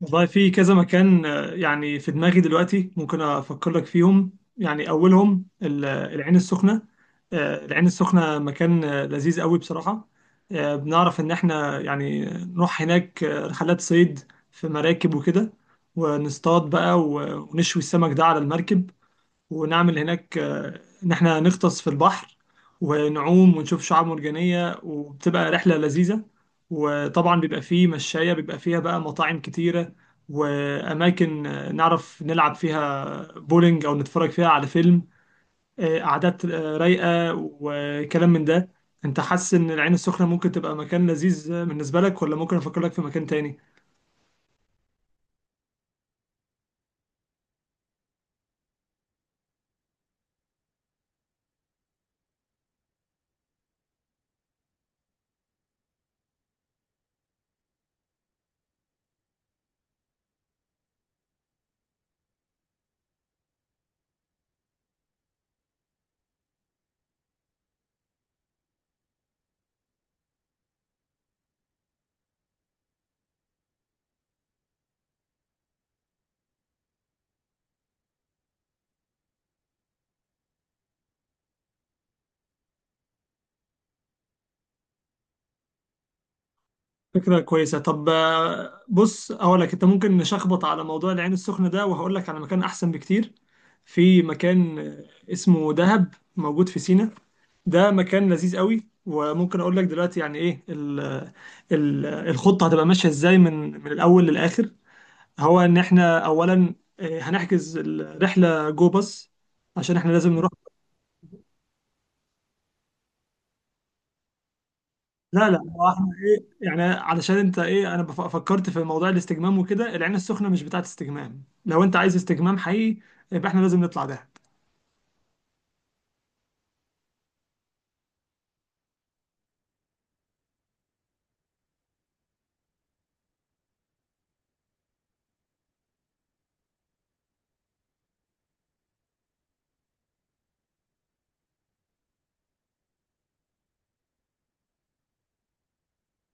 والله في كذا مكان، يعني في دماغي دلوقتي ممكن أفكر لك فيهم. يعني أولهم العين السخنة. العين السخنة مكان لذيذ قوي بصراحة. بنعرف إن إحنا يعني نروح هناك رحلات صيد في مراكب وكده، ونصطاد بقى ونشوي السمك ده على المركب، ونعمل هناك إن إحنا نغطس في البحر، ونعوم ونشوف شعاب مرجانية، وبتبقى رحلة لذيذة. وطبعا بيبقى فيه مشاية بيبقى فيها بقى مطاعم كتيرة، وأماكن نعرف نلعب فيها بولينج أو نتفرج فيها على فيلم. قعدات رايقة، وكلام من ده. أنت حاسس إن العين السخنة ممكن تبقى مكان لذيذ بالنسبة لك، ولا ممكن أفكر لك في مكان تاني؟ فكرة كويسة. طب بص أقول لك، أنت ممكن نشخبط على موضوع العين السخنة ده، وهقول لك على مكان أحسن بكتير. في مكان اسمه دهب موجود في سينا. ده مكان لذيذ قوي، وممكن أقول لك دلوقتي يعني إيه ال الخطة هتبقى ماشية إزاي من الأول للآخر. هو إن إحنا أولا هنحجز الرحلة جو باص، عشان إحنا لازم نروح. لا، لا. يعني علشان انت ايه، انا فكرت في موضوع الاستجمام وكده. العين السخنه مش بتاعت استجمام. لو انت عايز استجمام حقيقي، يبقى احنا لازم نطلع دهب.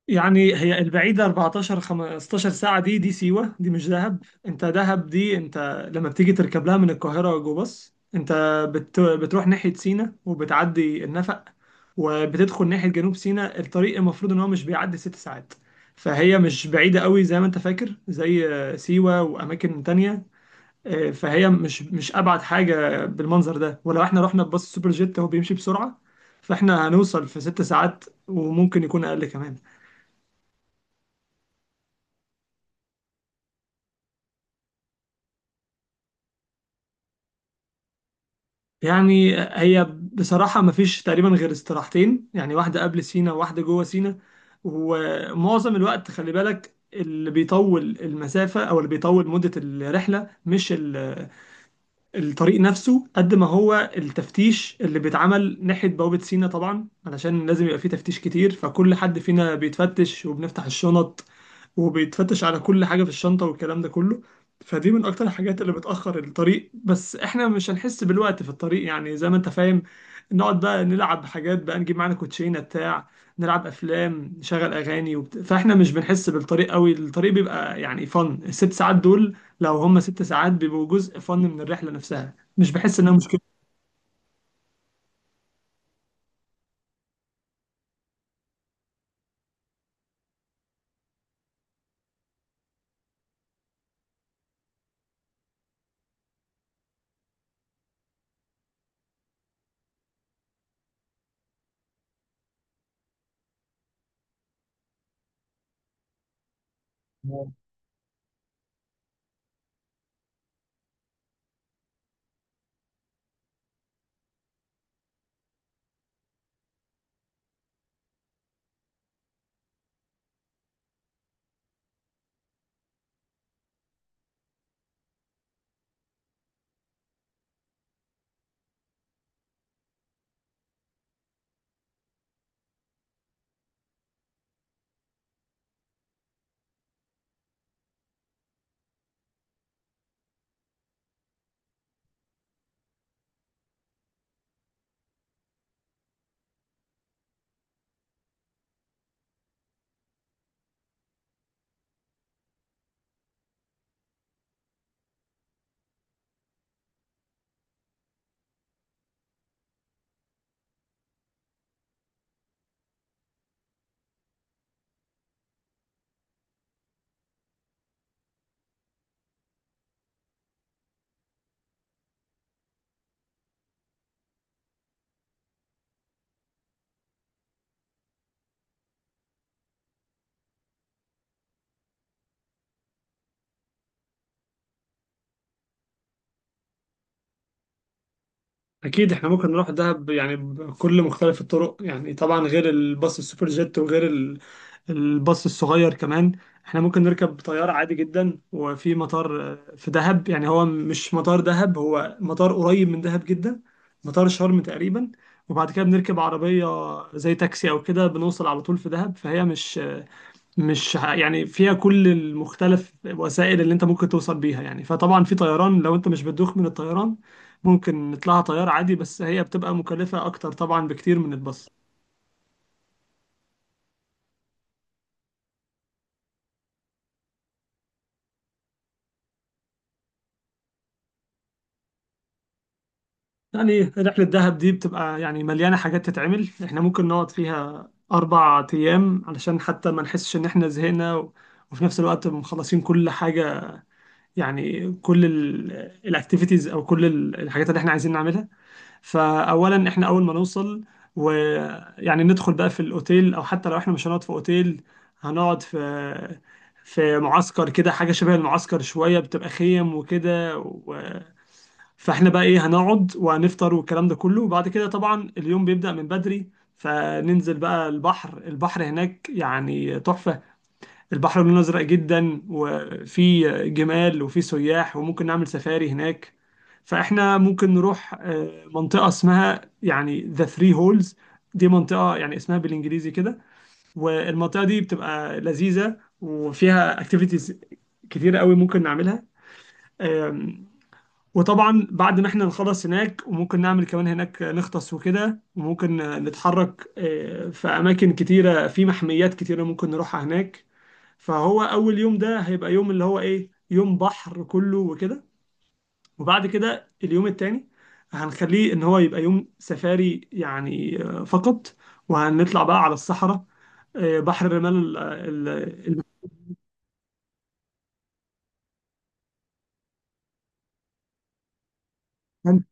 يعني هي البعيده 14 15 ساعه، دي سيوه، دي مش دهب. انت دهب دي، انت لما بتيجي تركب لها من القاهره جو باص، انت بتروح ناحيه سينا، وبتعدي النفق، وبتدخل ناحيه جنوب سينا. الطريق المفروض ان هو مش بيعدي 6 ساعات. فهي مش بعيده قوي زي ما انت فاكر، زي سيوه واماكن تانية. فهي مش ابعد حاجه بالمنظر ده، ولو احنا رحنا بباص السوبر جيت هو بيمشي بسرعه. فاحنا هنوصل في 6 ساعات، وممكن يكون اقل كمان. يعني هي بصراحه مفيش تقريبا غير استراحتين، يعني واحده قبل سينا وواحده جوه سينا. ومعظم الوقت خلي بالك، اللي بيطول المسافه او اللي بيطول مده الرحله مش الطريق نفسه قد ما هو التفتيش اللي بيتعمل ناحية بوابة سينا. طبعا علشان لازم يبقى فيه تفتيش كتير، فكل حد فينا بيتفتش وبنفتح الشنط، وبيتفتش على كل حاجة في الشنطة والكلام ده كله. فدي من أكتر الحاجات اللي بتأخر الطريق، بس إحنا مش هنحس بالوقت في الطريق يعني زي ما أنت فاهم. نقعد بقى نلعب حاجات بقى، نجيب معانا كوتشينة بتاع، نلعب أفلام، نشغل أغاني فإحنا مش بنحس بالطريق قوي. الطريق بيبقى يعني فن الـ6 ساعات دول. لو هم 6 ساعات، بيبقوا جزء فن من الرحلة نفسها، مش بحس انها مشكلة. اكيد احنا ممكن نروح دهب يعني بكل مختلف الطرق. يعني طبعا غير الباص السوبر جيت، وغير الباص الصغير كمان. احنا ممكن نركب طيارة عادي جدا، وفي مطار في دهب. يعني هو مش مطار دهب، هو مطار قريب من دهب جدا. مطار شرم تقريبا، وبعد كده بنركب عربية زي تاكسي او كده بنوصل على طول في دهب. فهي مش مش ه- يعني فيها كل المختلف وسائل اللي انت ممكن توصل بيها. يعني فطبعا في طيران لو انت مش بتدوخ من الطيران، ممكن نطلعها طيارة عادي، بس هي بتبقى مكلفة اكتر طبعا بكتير من الباص. يعني رحلة دهب دي بتبقى يعني مليانة حاجات تتعمل. احنا ممكن نقعد فيها 4 ايام علشان حتى ما نحسش ان احنا زهقنا، وفي نفس الوقت مخلصين كل حاجة. يعني كل الاكتيفيتيز، او كل الحاجات اللي احنا عايزين نعملها. فاولا احنا اول ما نوصل ويعني ندخل بقى في الاوتيل. او حتى لو احنا مش هنقعد في اوتيل، هنقعد في معسكر كده، حاجه شبه المعسكر شويه، بتبقى خيم وكده فاحنا بقى ايه هنقعد وهنفطر والكلام ده كله. وبعد كده طبعا اليوم بيبدأ من بدري. فننزل بقى البحر، البحر هناك يعني تحفة. البحر لونه أزرق جدا، وفي جمال وفي سياح، وممكن نعمل سفاري هناك. فإحنا ممكن نروح منطقة اسمها يعني ذا ثري هولز. دي منطقة يعني اسمها بالإنجليزي كده، والمنطقة دي بتبقى لذيذة وفيها اكتيفيتيز كتيرة قوي ممكن نعملها. آم، وطبعا بعد ما احنا نخلص هناك، وممكن نعمل كمان هناك نغطس وكده، وممكن نتحرك في أماكن كتيرة، في محميات كتيرة ممكن نروحها هناك. فهو اول يوم ده هيبقى يوم اللي هو ايه، يوم بحر كله وكده. وبعد كده اليوم التاني هنخليه ان هو يبقى يوم سفاري يعني فقط. وهنطلع بقى على الصحراء، بحر الرمال ال- ال-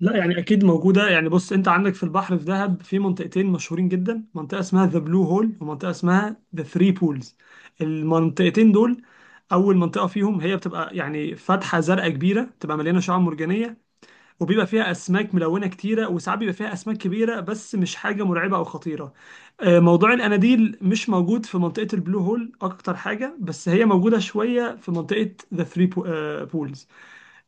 لا، يعني اكيد موجوده. يعني بص، انت عندك في البحر في دهب في منطقتين مشهورين جدا، منطقه اسمها ذا بلو هول ومنطقه اسمها ذا ثري بولز. المنطقتين دول، اول منطقه فيهم هي بتبقى يعني فتحه زرقاء كبيره بتبقى مليانه شعاب مرجانيه، وبيبقى فيها اسماك ملونه كتيره، وساعات بيبقى فيها اسماك كبيره، بس مش حاجه مرعبه او خطيره. موضوع الاناديل مش موجود في منطقه البلو هول اكتر حاجه، بس هي موجوده شويه في منطقه ذا ثري بولز.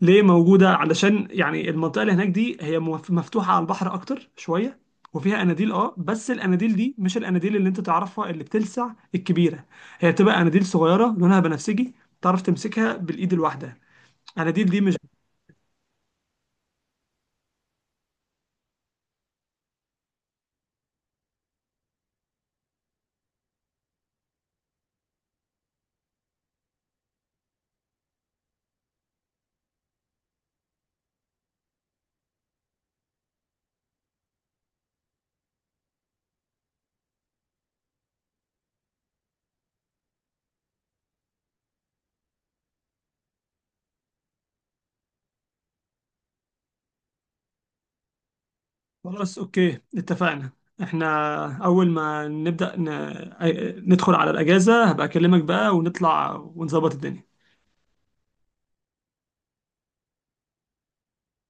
ليه موجوده؟ علشان يعني المنطقه اللي هناك دي هي مفتوحه على البحر اكتر شويه. وفيها اناديل، اه، بس الاناديل دي مش الاناديل اللي انت تعرفها اللي بتلسع الكبيره. هي بتبقى اناديل صغيره لونها بنفسجي، تعرف تمسكها بالايد الواحده. الاناديل دي مش خلاص، اوكي، اتفقنا. احنا اول ما نبدأ ندخل على الاجازة، هبقى اكلمك بقى، ونطلع ونظبط الدنيا.